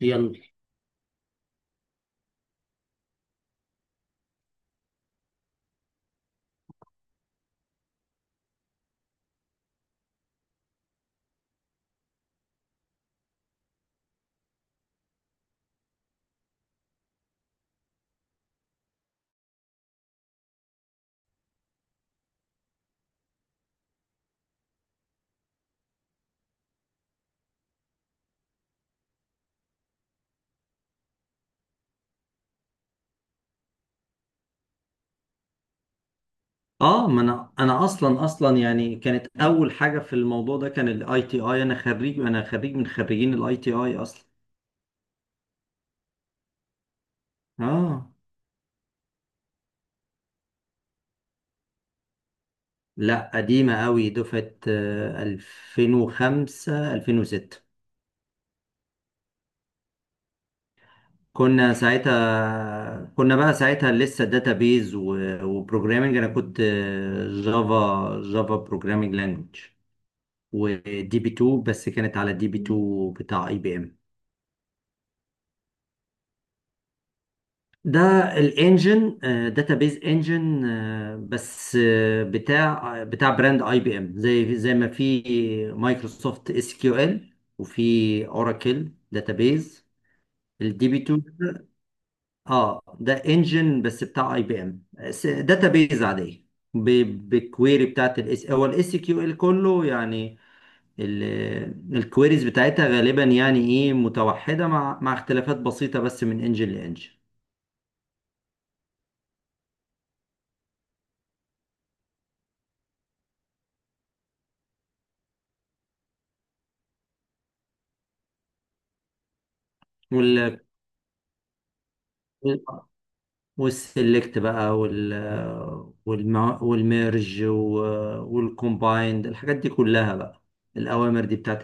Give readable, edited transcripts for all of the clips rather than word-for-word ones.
يلا. اه، ما انا اصلا يعني كانت اول حاجه في الموضوع ده كان الاي تي اي. انا خريج من خريجين الاي تي اي اصلا. اه، لا قديمه قوي دفعه 2005 2006. كنا بقى ساعتها لسه داتابيز وبروجرامنج. انا كنت جافا بروجرامنج لانجوج ودي بي 2. بس كانت على دي بي 2 بتاع اي بي ام. ده الانجن، داتابيز انجن، بس بتاع بتاع براند اي بي ام، زي ما في مايكروسوفت اس كيو ال، وفي اوراكل داتابيز. الدي بي 2، اه، ده انجن بس بتاع اي بي ام، داتابيز عاديه، بالكويري بتاعت الاس كيو ال كله يعني. الكويريز بتاعتها غالبا يعني ايه متوحده مع اختلافات بسيطه، بس من انجن لانجن. والسلكت بقى، والم... والميرج، والكومبايند، الحاجات دي كلها بقى، الأوامر دي بتاعت.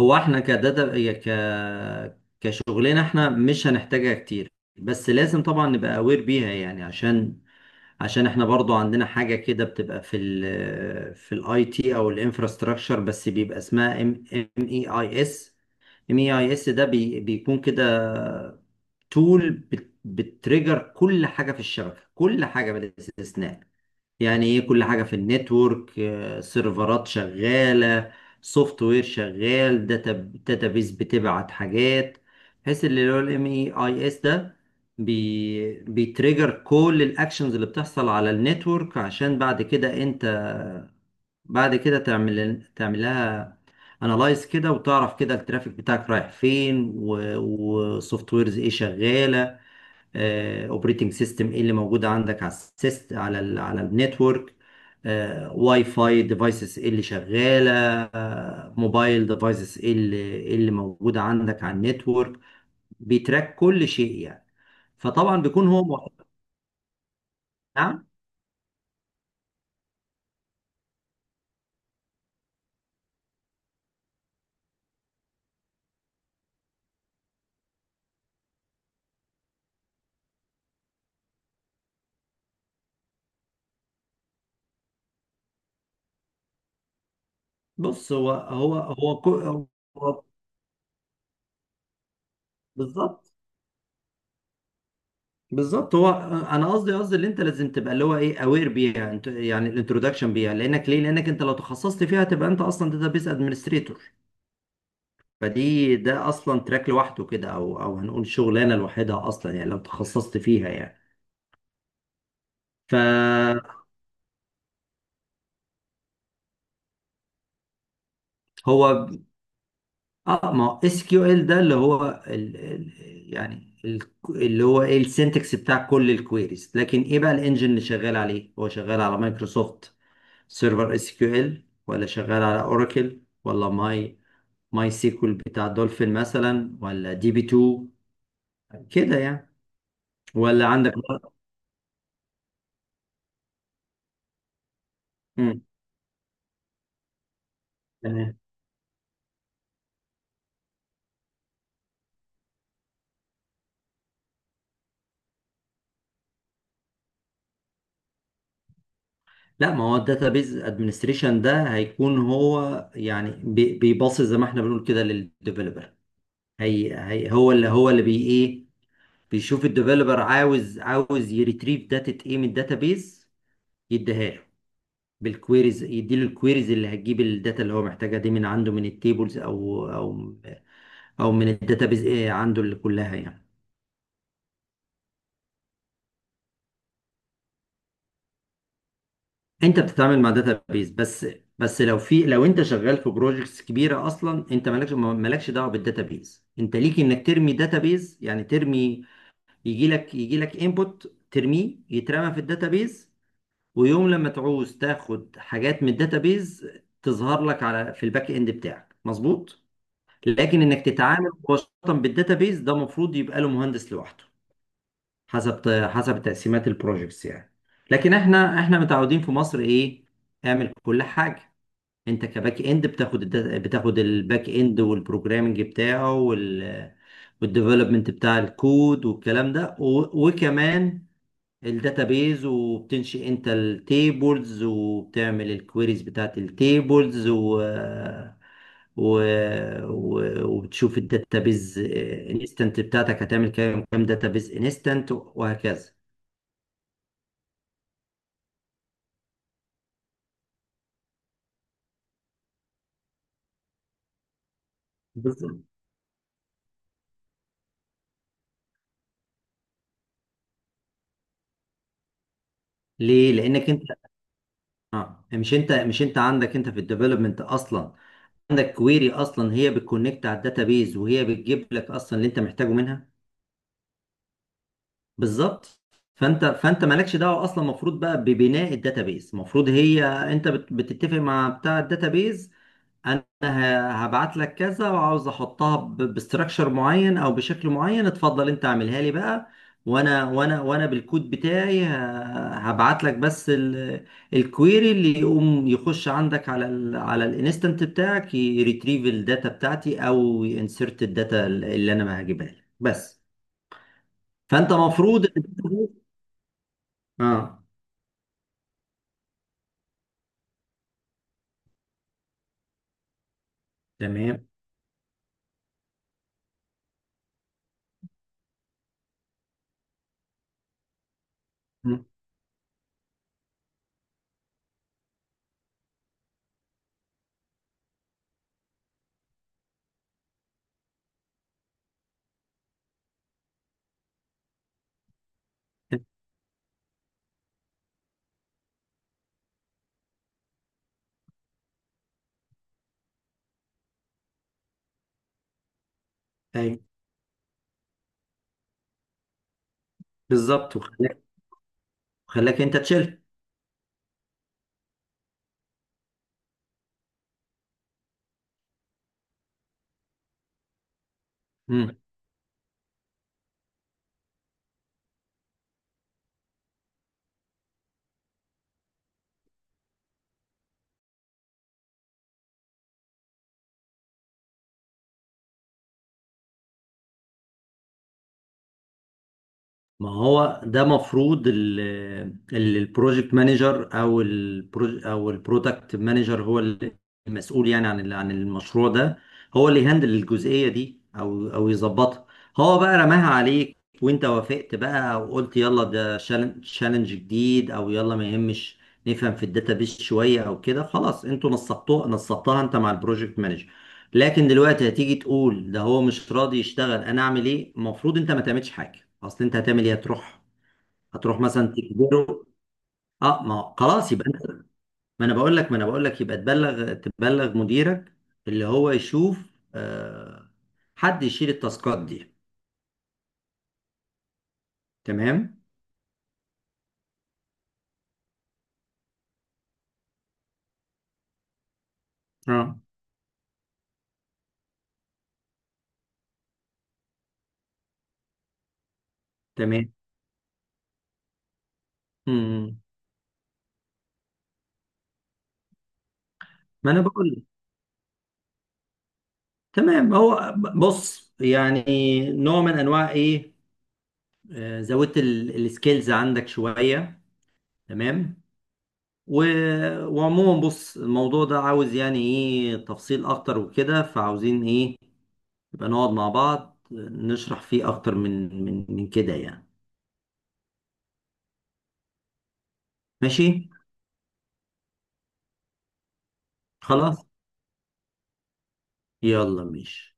هو احنا كداتا يا ك كشغلنا احنا مش هنحتاجها كتير، بس لازم طبعا نبقى اوير بيها يعني، عشان احنا برضو عندنا حاجة كده بتبقى في ال الاي تي او الانفراستراكشر، بس بيبقى اسمها ام اي اي اس. ام اي اي اس ده بيكون كده تول، بتريجر كل حاجه في الشبكه، كل حاجه بلا استثناء. يعني ايه؟ كل حاجه في النتورك، سيرفرات شغاله، سوفت وير شغال، داتابيز بتبعت حاجات، بحيث اللي هو الام اي اي اس ده بيتريجر كل الاكشنز اللي بتحصل على النتورك، عشان بعد كده انت بعد كده تعمل لها انالايز كده، وتعرف كده الترافيك بتاعك رايح فين، والسوفت ويرز ايه شغاله، اوبريتنج سيستم ايه اللي موجود عندك على السيست على ال على النتورك، واي فاي ديفايسز ايه اللي شغاله، موبايل ديفايسز ايه اللي إيه اللي موجوده عندك على النتورك. بيتراك كل شيء يعني. فطبعا بيكون نعم. بص، هو بالظبط. بالظبط. هو انا قصدي اللي انت لازم تبقى اللي هو ايه اوير بيها يعني الانترودكشن بيها، لانك ليه؟ انت لو تخصصت فيها تبقى انت اصلا داتابيس ادمنستريتور. ده اصلا تراك لوحده كده، او هنقول شغلانه لوحدها اصلا يعني لو تخصصت فيها يعني. فهو، اه، ما هو اس كيو ال ده اللي هو ال اللي هو ايه السنتكس بتاع كل الكويريز. لكن ايه بقى الانجن اللي شغال عليه؟ هو شغال على مايكروسوفت سيرفر اس كيو ال، ولا شغال على اوراكل، ولا ماي سيكول بتاع دولفين مثلا، ولا دي بي 2، كده يعني. ولا عندك. مم. لا، ما هو الداتابيز ادمنستريشن ده هيكون هو يعني، بيباصي زي ما احنا بنقول كده للديفلوبر. هي هي هو اللي هو اللي بي ايه بيشوف الديفلوبر عاوز يريتريف داتا ايه من الداتابيز، يديها له بالكويريز، يديله الكويريز اللي هتجيب الداتا اللي هو محتاجها دي من عنده، من التيبلز، او من الداتابيز ايه عنده اللي كلها يعني. انت بتتعامل مع داتا بيز بس. بس لو لو انت شغال في بروجكتس كبيره اصلا، انت مالكش دعوه بالداتا بيز. انت ليك انك ترمي داتا بيز، يعني يجي لك انبوت ترميه يترمى في الداتا بيز، ويوم لما تعوز تاخد حاجات من الداتا بيز تظهر لك في الباك اند بتاعك، مظبوط. لكن انك تتعامل مباشره بالداتا بيز ده المفروض يبقى له مهندس لوحده، حسب حسب تقسيمات البروجكتس يعني. لكن احنا متعودين في مصر ايه؟ اعمل كل حاجه. انت كباك اند بتاخد الباك اند والبروجرامنج بتاعه، والديفلوبمنت بتاع الكود والكلام ده، وكمان الداتابيز، وبتنشئ انت التيبلز، وبتعمل الكويريز بتاعت التيبلز، و... وبتشوف الداتابيز انستنت بتاعتك هتعمل كام، داتابيز انستنت وهكذا. بالظبط. ليه؟ لانك انت، اه، مش انت عندك انت في الديفلوبمنت اصلا عندك كويري اصلا هي بتكونكت على الداتابيز، وهي بتجيب لك اصلا اللي انت محتاجه منها. بالظبط. فانت مالكش دعوه اصلا. المفروض بقى ببناء الداتابيز، المفروض هي انت بتتفق مع بتاع الداتابيز، انا هبعت لك كذا، وعاوز احطها باستراكشر معين او بشكل معين، اتفضل انت اعملها لي بقى. وانا بالكود بتاعي هبعت لك بس الكويري اللي يقوم يخش عندك على الانستنت بتاعك، يريتريف الداتا بتاعتي او ينسرت الداتا اللي انا ما هجيبها لك بس. فانت مفروض، اه، تمام. مم. ايوه، بالظبط. وخلاك انت تشيل. مم. ما هو ده مفروض البروجكت مانجر، او البرودكت مانجر، هو اللي المسؤول يعني عن عن المشروع ده. هو اللي يهندل الجزئيه دي، او يظبطها. هو بقى رماها عليك وانت وافقت بقى، وقلت يلا ده تشالنج جديد، او يلا ما يهمش، نفهم في الداتابيس شويه او كده، خلاص انتوا نصبتها انت مع البروجكت مانجر. لكن دلوقتي هتيجي تقول ده هو مش راضي يشتغل، انا اعمل ايه؟ المفروض انت ما تعملش حاجه اصل. انت هتعمل ايه؟ هتروح، مثلا تجبره؟ اه، ما هو خلاص يبقى انت، ما انا بقول لك يبقى تبلغ، مديرك، اللي هو يشوف، آه حد يشيل التاسكات دي. تمام. اه، تمام. مم. ما انا بقول لك. تمام، هو، بص يعني نوع من انواع ايه، زودت السكيلز عندك شويه، تمام. وعموما بص الموضوع ده عاوز يعني ايه تفصيل اكتر وكده، فعاوزين ايه؟ يبقى نقعد مع بعض نشرح فيه اكتر من كده يعني. ماشي. خلاص. يلا، ماشي.